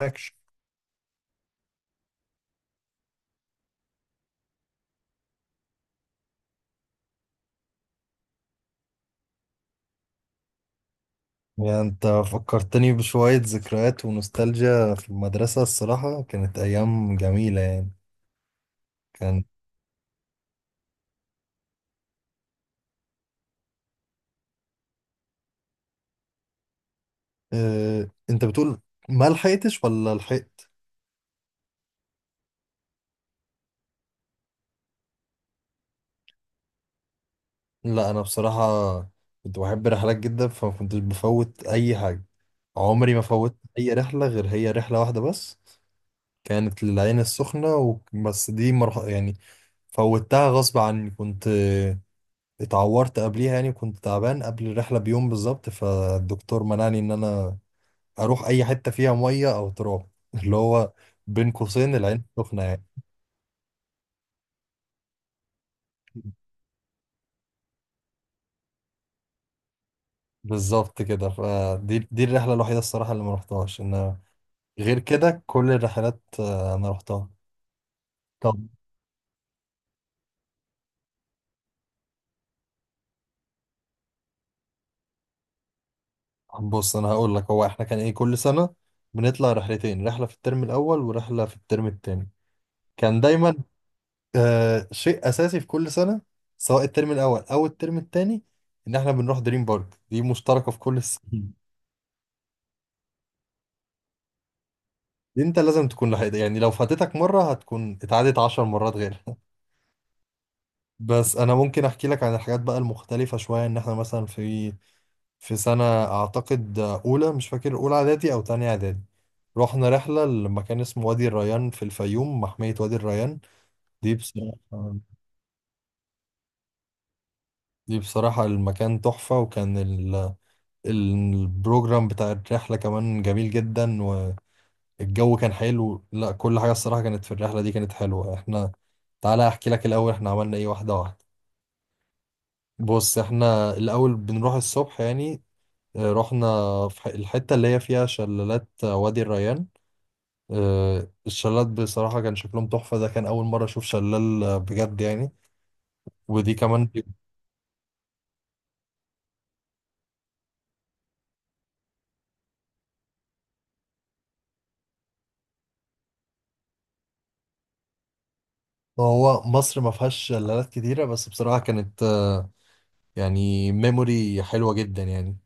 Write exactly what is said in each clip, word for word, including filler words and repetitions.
معاكش. يعني انت فكرتني بشوية ذكريات ونوستالجيا في المدرسة، الصراحة كانت أيام جميلة يعني. كان اه انت بتقول، ما لحقتش ولا لحقت؟ لا أنا بصراحة كنت بحب رحلات جدا فما كنتش بفوت أي حاجة. عمري ما فوت أي رحلة غير هي رحلة واحدة بس، كانت للعين السخنة و... بس دي مرح... يعني فوتها غصب عني. كنت آه، اتعورت قبليها، يعني كنت تعبان قبل الرحلة بيوم بالظبط فالدكتور منعني إن أنا اروح اي حته فيها ميه او تراب اللي هو بين قوسين العين سخنه يعني. بالظبط كده. فدي دي الرحله الوحيده الصراحه اللي ما رحتهاش. ان غير كده كل الرحلات آه، انا رحتها. طب بص انا هقول لك، هو احنا كان ايه كل سنه بنطلع رحلتين، رحله في الترم الاول ورحله في الترم التاني. كان دايما آه شيء اساسي في كل سنه، سواء الترم الاول او الترم التاني، ان احنا بنروح دريم بارك دي مشتركه في كل السنين. دي انت لازم تكون لحقت يعني، لو فاتتك مرة هتكون اتعادت عشر مرات غيرها بس انا ممكن احكي لك عن الحاجات بقى المختلفة شوية، ان احنا مثلا في في سنة اعتقد اولى، مش فاكر اولى اعدادي او تانية اعدادي، رحنا رحلة لمكان اسمه وادي الريان في الفيوم، محمية وادي الريان. دي بصراحة دي بصراحة المكان تحفة، وكان ال... البروجرام بتاع الرحلة كمان جميل جدا، والجو كان حلو، لا كل حاجة الصراحة كانت في الرحلة دي كانت حلوة. احنا تعالى احكي لك الاول احنا عملنا ايه، واحده واحده. بص احنا الاول بنروح الصبح يعني، آه، رحنا في ح- الحته اللي هي فيها شلالات، آه، وادي الريان. آه، الشلالات بصراحه كان شكلهم تحفه، ده كان اول مره اشوف شلال آه، بجد يعني. ودي كمان هو مصر ما فيهاش شلالات كتيره، بس بصراحه كانت آه، يعني ميموري حلوه جدا يعني.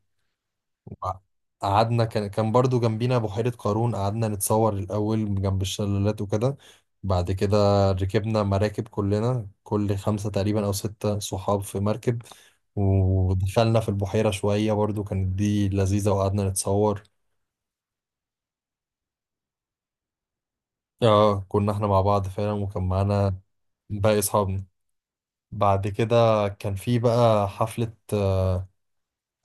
قعدنا، كان كان برضو جنبينا بحيرة قارون، قعدنا نتصور الأول جنب الشلالات وكده. بعد كده ركبنا مراكب كلنا، كل خمسة تقريبا أو ستة صحاب في مركب، ودخلنا في البحيرة شوية برضو كانت دي لذيذة وقعدنا نتصور. اه كنا احنا مع بعض فعلا وكان معانا باقي أصحابنا. بعد كده كان في بقى حفلة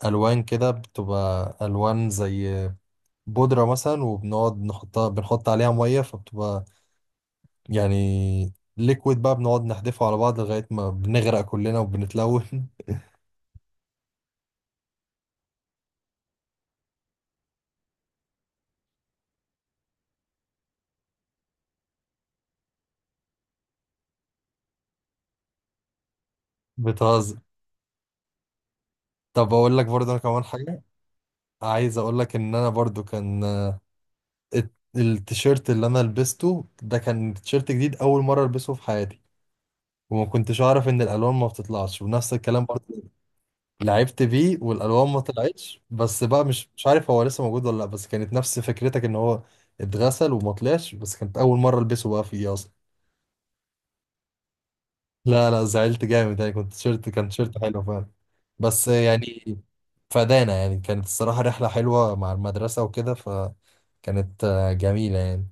ألوان كده، بتبقى ألوان زي بودرة مثلا وبنقعد نحطها، بنحط عليها مية فبتبقى يعني ليكويد بقى، بنقعد نحدفه على بعض لغاية ما بنغرق كلنا وبنتلون. بتهزر. طب اقول لك برضه انا كمان حاجة عايز اقول لك، ان انا برضه كان الت- التيشيرت اللي انا لبسته ده كان تيشيرت جديد اول مرة البسه في حياتي، وما كنتش اعرف ان الالوان ما بتطلعش ونفس الكلام برضه لعبت بيه والالوان ما طلعتش. بس بقى مش مش عارف هو لسه موجود ولا لا، بس كانت نفس فكرتك ان هو اتغسل وما طلعش، بس كانت اول مرة البسه بقى فيه اصلا. لا لا زعلت جامد يعني، كنت تيشيرت كان تيشيرت حلو فعلا، بس يعني فدانا يعني كانت الصراحة رحلة حلوة مع المدرسة وكده، فكانت آه، جميلة يعني.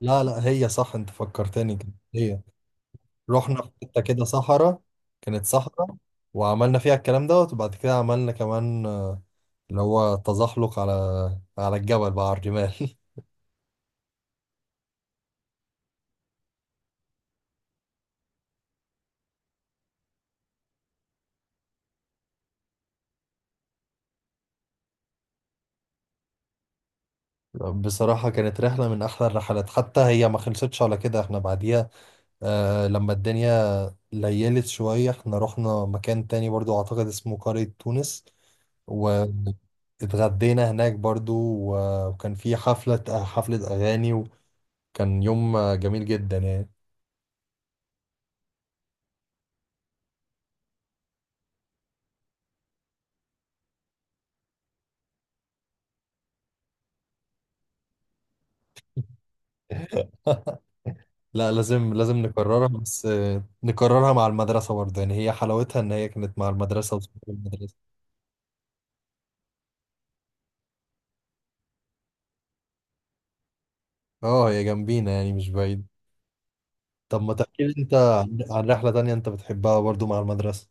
لا لا هي صح، انت فكرتني، كانت هي رحنا في حتة كده صحراء. كانت صحراء وعملنا فيها الكلام دوت، وبعد كده عملنا كمان، آه، اللي هو تزحلق على على الجبل بقى على الرمال بصراحة كانت رحلة من أحلى الرحلات، حتى هي ما خلصتش على كده احنا بعديها آه لما الدنيا ليلت شوية احنا رحنا مكان تاني برضو، أعتقد اسمه قرية تونس، واتغدينا هناك برضو و- وكان في حفلة حفلة أغاني وكان يوم جميل جدا يعني. لا لازم لازم نكررها، بس نكررها مع المدرسة برضه يعني، هي حلاوتها إن هي كانت مع المدرسة وصحاب المدرسة. اه هي جنبينا يعني مش بعيد. طب ما تحكي لي أنت عن عن رحلة تانية أنت بتحبها برضه مع المدرسة.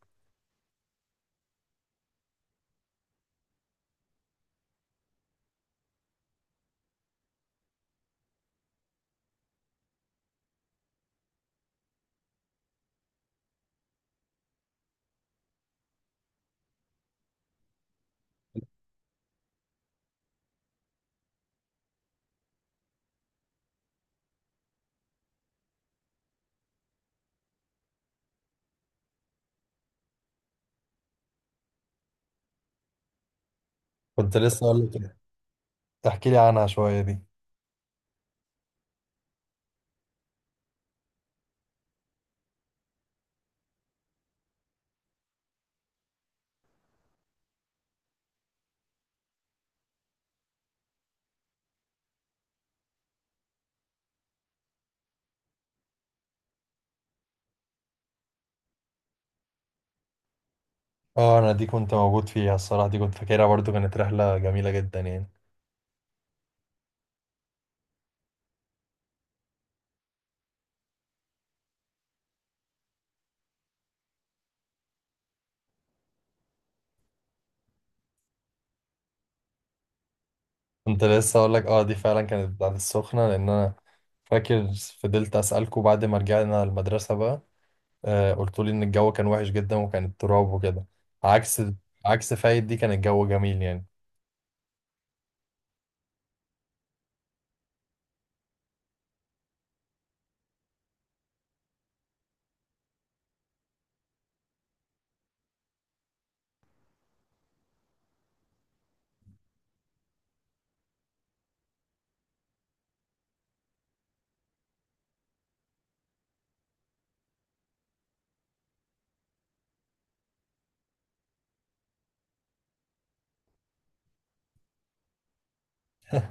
كنت لسه أقول لك. احكي لي عنها شوية دي. اه انا دي كنت موجود فيها الصراحه، دي كنت فاكرها برضو كانت رحله جميله جدا يعني. كنت لسه اقول لك، اه دي فعلا كانت بتاعت السخنه، لان انا فاكر فضلت اسالكوا بعد ما رجعنا المدرسه بقى، آه قلت لي ان الجو كان وحش جدا وكان التراب وكده، عكس عكس فايد دي كان الجو جميل يعني.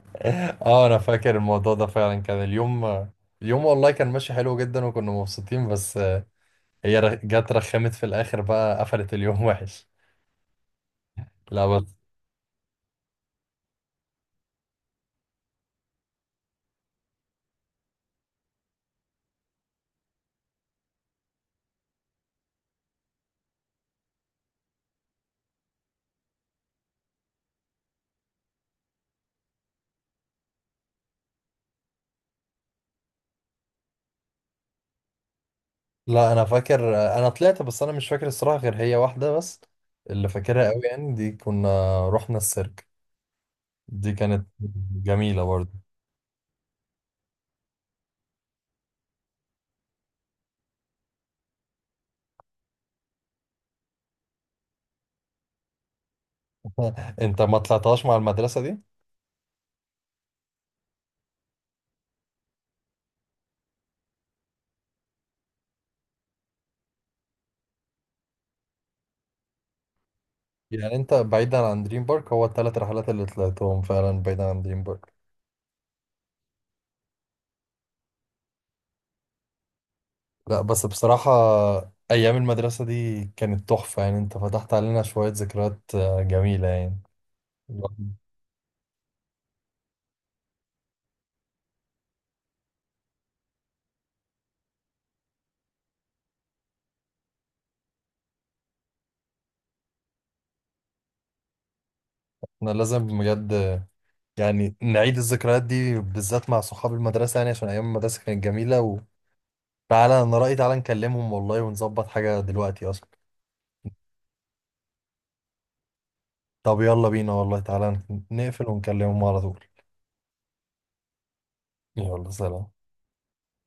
اه انا فاكر الموضوع ده فعلا، كان اليوم اليوم والله كان ماشي حلو جدا وكنا مبسوطين، بس آه، هي رخ- جت رخمت في الاخر بقى قفلت اليوم وحش. لا بس. لا انا فاكر انا طلعت بس انا مش فاكر الصراحه غير هي واحده بس، اللي فاكرها قوي يعني، دي كنا رحنا السيرك. دي كانت جميله برضه. انت ما طلعتهاش مع المدرسه دي؟ يعني انت بعيدا عن دريم بارك هو الثلاث رحلات اللي طلعتهم فعلا بعيدا عن دريم بارك. لا بس بصراحه ايام المدرسه دي كانت تحفه، يعني انت فتحت علينا شويه ذكريات آه، جميله يعني. احنا لازم بجد يعني نعيد الذكريات دي بالذات مع صحاب المدرسة، يعني عشان أيام المدرسة كانت جميلة. تعالى انا رأيي، تعالى نكلمهم والله ونظبط حاجة دلوقتي اصلا. طب يلا بينا والله، تعالى نقفل ونكلمهم على طول. يلا سلام.